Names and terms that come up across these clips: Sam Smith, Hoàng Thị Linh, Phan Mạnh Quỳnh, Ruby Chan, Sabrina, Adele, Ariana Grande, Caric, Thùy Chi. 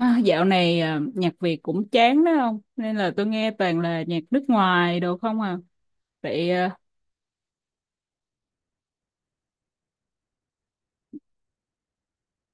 À, dạo này à, nhạc Việt cũng chán đó không? Nên là tôi nghe toàn là nhạc nước ngoài đồ không à. Vậy à,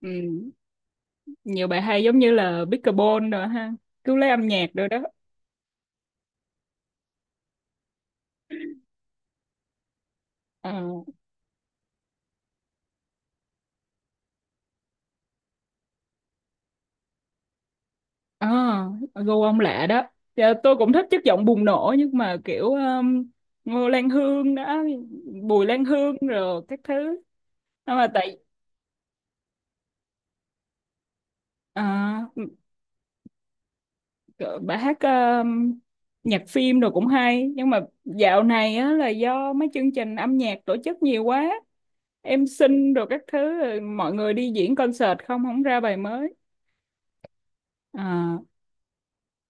ừ, nhiều bài hay giống như là Bicarbonate rồi ha. Cứu lấy âm nhạc rồi đó. Ờ, à, gu ông lạ đó. Dạ, tôi cũng thích chất giọng bùng nổ nhưng mà kiểu Ngô Lan Hương đó, Bùi Lan Hương rồi các thứ. Nhưng mà tại à, Ờ, bà hát nhạc phim rồi cũng hay nhưng mà dạo này á, là do mấy chương trình âm nhạc tổ chức nhiều quá em xin rồi các thứ rồi mọi người đi diễn concert không không ra bài mới à,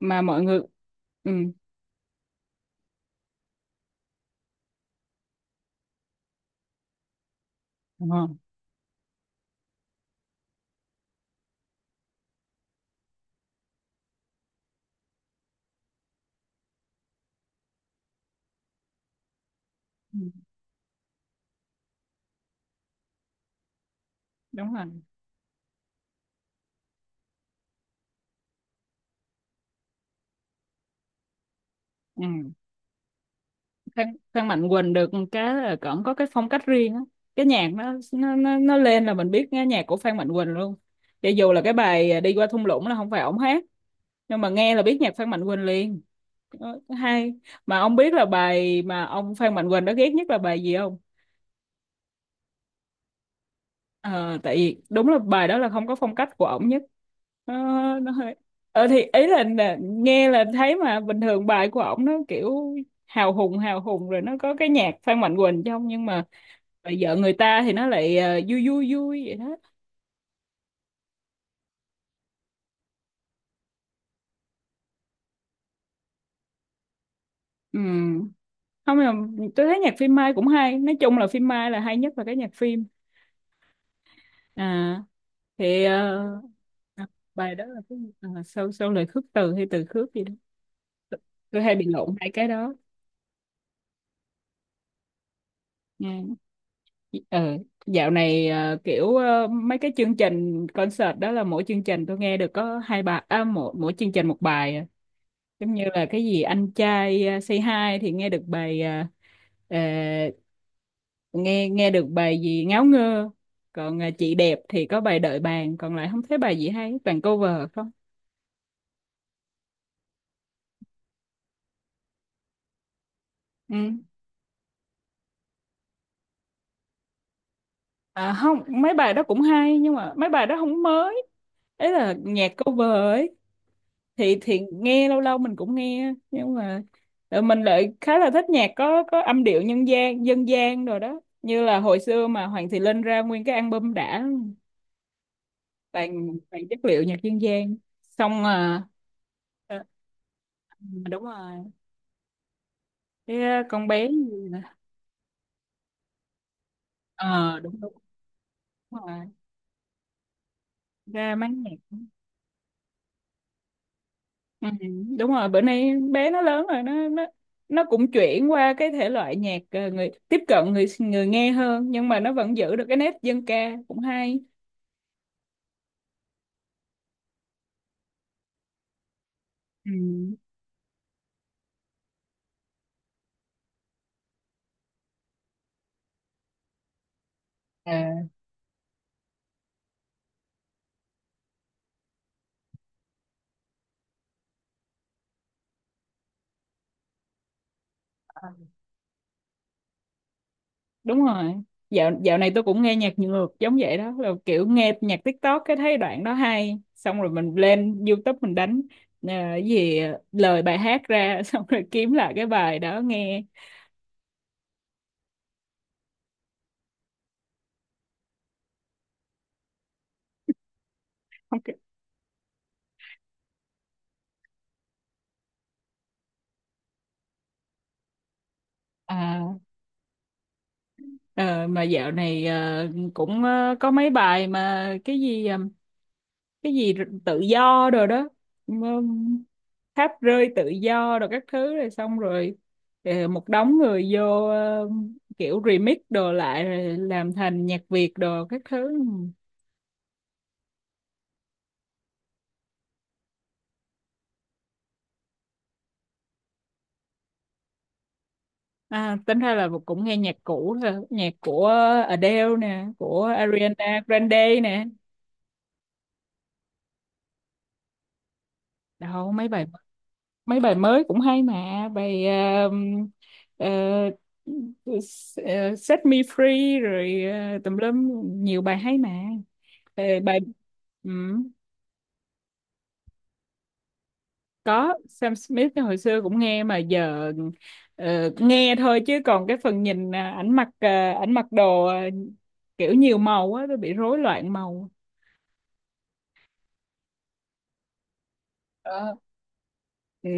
mà mọi người ừ, đúng rồi. Ừ, đúng rồi ừ. Phan Phan Mạnh Quỳnh được cái là cổng có cái phong cách riêng á, cái nhạc nó lên là mình biết nghe nhạc của Phan Mạnh Quỳnh luôn, cho dù là cái bài à, đi qua thung lũng là không phải ổng hát nhưng mà nghe là biết nhạc Phan Mạnh Quỳnh liền. Ờ, hay. Mà ông biết là bài mà ông Phan Mạnh Quỳnh đó ghét nhất là bài gì không? Ờ, tại vì đúng là bài đó là không có phong cách của ổng nhất. Ờ, nó hơi ờ, thì ý là nè, nghe là thấy mà bình thường bài của ổng nó kiểu hào hùng rồi nó có cái nhạc Phan Mạnh Quỳnh trong, nhưng mà bài vợ người ta thì nó lại vui vui vui vậy đó. Ừ. Không là tôi thấy nhạc phim Mai cũng hay, nói chung là phim Mai là hay nhất là cái nhạc phim. À, thì ờ, à, bài đó là cái gì? À, sau sau lời khước từ hay từ khước gì đó, tôi hay bị lộn hai cái đó. Ừ. Ừ, dạo này ờ, kiểu ờ, mấy cái chương trình concert đó là mỗi chương trình tôi nghe được có hai bài à, mỗi mỗi chương trình một bài à. Giống như là cái gì anh trai ờ, Say Hi thì nghe được bài ờ, ờ, nghe nghe được bài gì ngáo ngơ, còn ờ, chị đẹp thì có bài đợi bàn, còn lại không thấy bài gì hay, toàn cover không. Ừ. À, không, mấy bài đó cũng hay nhưng mà mấy bài đó không mới, ấy là nhạc cover ấy. Thì nghe lâu lâu mình cũng nghe nhưng mà ờ, mình lại khá là thích nhạc có âm điệu nhân gian dân gian rồi đó, như là hồi xưa mà Hoàng Thị Linh ra nguyên cái album đã toàn toàn chất liệu nhạc dân gian, xong à, ờ, đúng rồi. Cái ờ, con bé gì nè. Ờ, đúng đúng, đúng rồi, ra máng nhạc. Ừ, đúng rồi, bữa nay bé nó lớn rồi, nó nó cũng chuyển qua cái thể loại nhạc ờ, người tiếp cận người người nghe hơn nhưng mà nó vẫn giữ được cái nét dân ca, cũng hay. Ừ. À, đúng rồi. Dạo dạo này tôi cũng nghe nhạc ngược giống vậy đó, là kiểu nghe nhạc TikTok cái thấy đoạn đó hay, xong rồi mình lên YouTube mình đánh à, cái gì lời bài hát ra xong rồi kiếm lại cái bài đó nghe. Ok. À, Ờ, mà dạo này ờ, cũng ờ, có mấy bài mà cái gì ờ, tự do rồi đó um, tháp rơi tự do rồi các thứ rồi xong rồi ờ, một đống người vô ờ, kiểu remix đồ lại rồi làm thành nhạc Việt đồ các thứ. À, tính ra là cũng nghe nhạc cũ thôi, nhạc của Adele nè, của Ariana Grande nè. Đâu mấy bài, mấy bài mới cũng hay mà, bài ờ, ờ, ờ, Set Me Free rồi ờ, tùm lum, nhiều bài hay mà. Ờ, bài ừ, có Sam Smith hồi xưa cũng nghe mà giờ ờ, nghe thôi chứ còn cái phần nhìn à, ảnh mặc đồ à, kiểu nhiều màu á, tôi bị rối loạn màu. Đó. Ừ.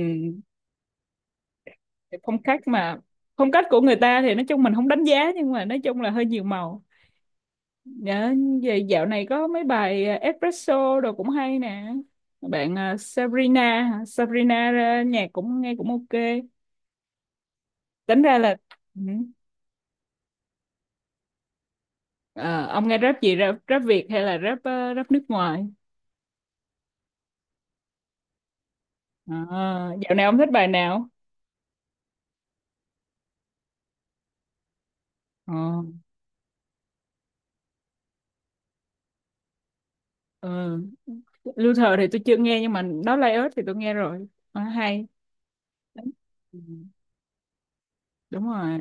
Phong cách mà, phong cách của người ta thì nói chung mình không đánh giá, nhưng mà nói chung là hơi nhiều màu. Dạ, vậy dạo này có mấy bài à, espresso đồ cũng hay nè. Bạn à, Sabrina, hả? Sabrina ra nhạc cũng nghe cũng ok. Tính ra là ừ. Ờ, ông nghe rap gì, rap, rap Việt hay là rap ờ, rap nước ngoài? À, dạo này ông thích bài nào? Ờ, ờ. Luther thì tôi chưa nghe nhưng mà đó Lay Earth thì tôi nghe rồi. Ờ, hay. Ừ, đúng rồi.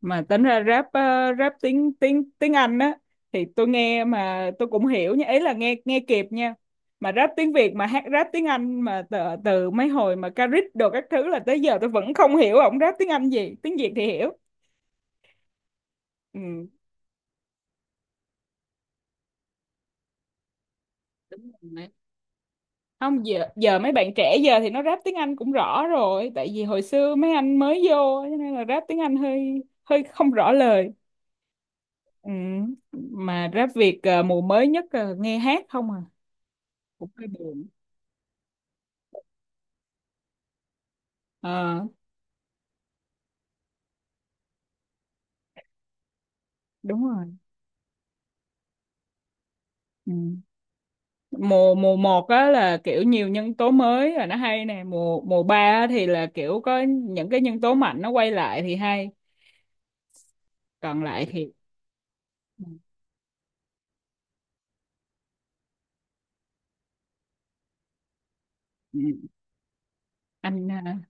Mà tính ra rap ờ, rap tiếng tiếng tiếng Anh á thì tôi nghe mà tôi cũng hiểu nha, ấy là nghe nghe kịp nha, mà rap tiếng Việt mà hát rap tiếng Anh mà từ, từ mấy hồi mà Caric đồ các thứ là tới giờ tôi vẫn không hiểu ổng rap tiếng Anh gì, tiếng Việt thì hiểu. Ừ. Đúng rồi. Không, giờ giờ mấy bạn trẻ giờ thì nó rap tiếng Anh cũng rõ rồi, tại vì hồi xưa mấy anh mới vô cho nên là rap tiếng Anh hơi hơi không rõ lời. Ừ. Mà rap Việt ờ, mùa mới nhất ờ, nghe hát không à, cũng hơi buồn. Ờ, đúng rồi. Ừ. Mùa mùa một á là kiểu nhiều nhân tố mới là nó hay nè, mùa mùa 3 á thì là kiểu có những cái nhân tố mạnh nó quay lại thì hay. Còn lại thì ừ, ừ, anh à,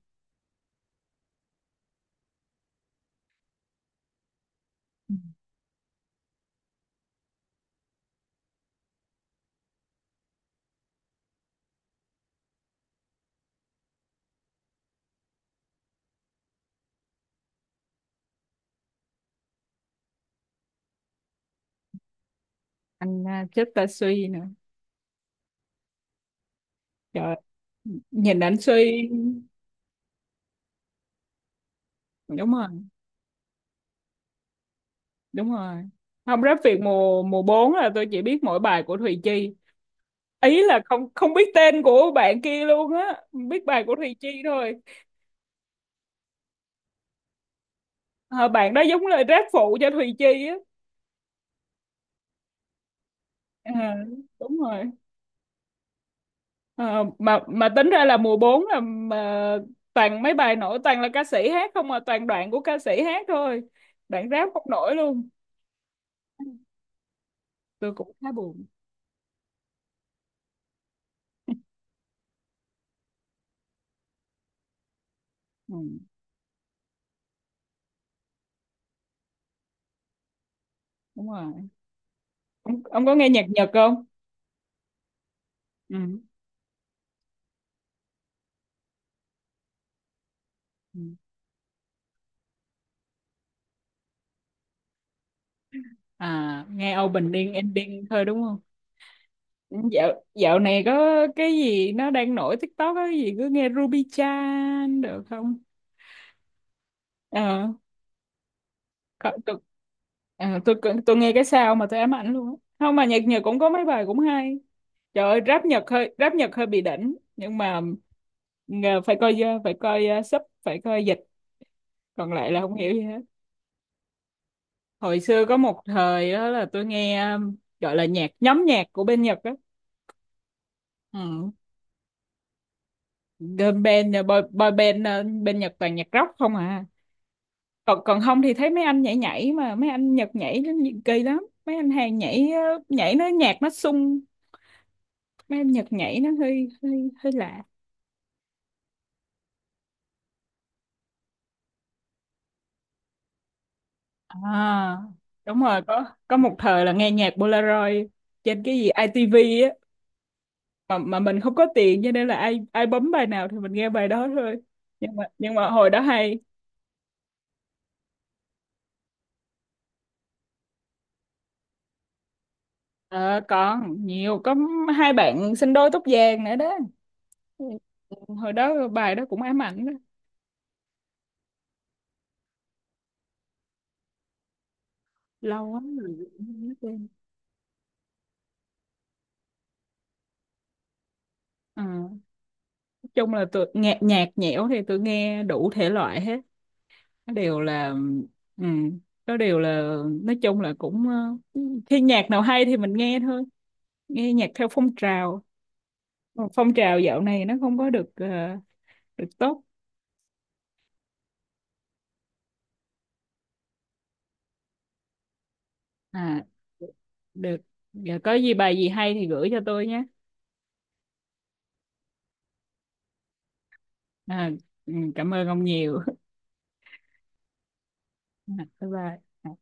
ừ, anh à, chết ta suy nữa. Trời, nhìn anh suy, đúng rồi, đúng rồi. Không, rap Việt mùa mùa 4 là tôi chỉ biết mỗi bài của Thùy Chi. Ý là không không biết tên của bạn kia luôn á, biết bài của Thùy Chi thôi. Ờ, bạn đó giống lời rap phụ cho Thùy Chi á. À, đúng rồi. Ờ, mà tính ra là mùa 4 là mà toàn mấy bài nổi toàn là ca sĩ hát không, mà toàn đoạn của ca sĩ hát thôi. Đoạn rap không nổi luôn. Tôi cũng khá buồn. Ừ, đúng rồi. Ông có nghe nhạc Nhật không? Ừ. Ừ. À, nghe opening ending thôi đúng không? Ừ, Dạo dạo này có cái gì nó đang nổi TikTok á, cái gì cứ nghe Ruby Chan được không? Ờ, Cậu- tôi, à, tôi nghe cái sao mà tôi ám ảnh luôn á. Không, mà nhạc Nhật cũng có mấy bài cũng hay. Trời ơi, rap Nhật hơi, rap Nhật hơi bị đỉnh, nhưng mà phải coi ờ, sub, phải coi dịch, còn lại là không hiểu gì hết. Hồi xưa có một thời đó là tôi nghe ờ, gọi là nhạc, nhóm nhạc của bên Nhật á. Ừ. Girl band ờ, boy band ờ, bên Nhật toàn nhạc rock không à, còn còn không thì thấy mấy anh nhảy nhảy mà mấy anh Nhật nhảy nó kỳ lắm, mấy anh Hàn nhảy ờ, nhảy nó nhạc nó sung, mấy âm nhạc nhảy nó hơi hơi hơi lạ. À, đúng rồi, có một thời là nghe nhạc Polaroid trên cái gì ITV á, mà mình không có tiền cho nên là ai ai bấm bài nào thì mình nghe bài đó thôi, nhưng mà hồi đó hay. Ờ, còn nhiều, có hai bạn sinh đôi tóc vàng nữa đó, hồi đó bài đó cũng ám ảnh đó, lâu quá rồi. Ờ, nói chung là tụi nhạc nhạc nhẽo thì tụi nghe đủ thể loại hết, nó đều là ừ, nó đều là nói chung là cũng ờ, khi nhạc nào hay thì mình nghe thôi, nghe nhạc theo phong trào. Còn phong trào dạo này nó không có được ờ, được tốt. À, được, giờ có gì bài gì hay thì gửi cho tôi nhé. À, ừ, cảm ơn ông nhiều À, bye bye. À.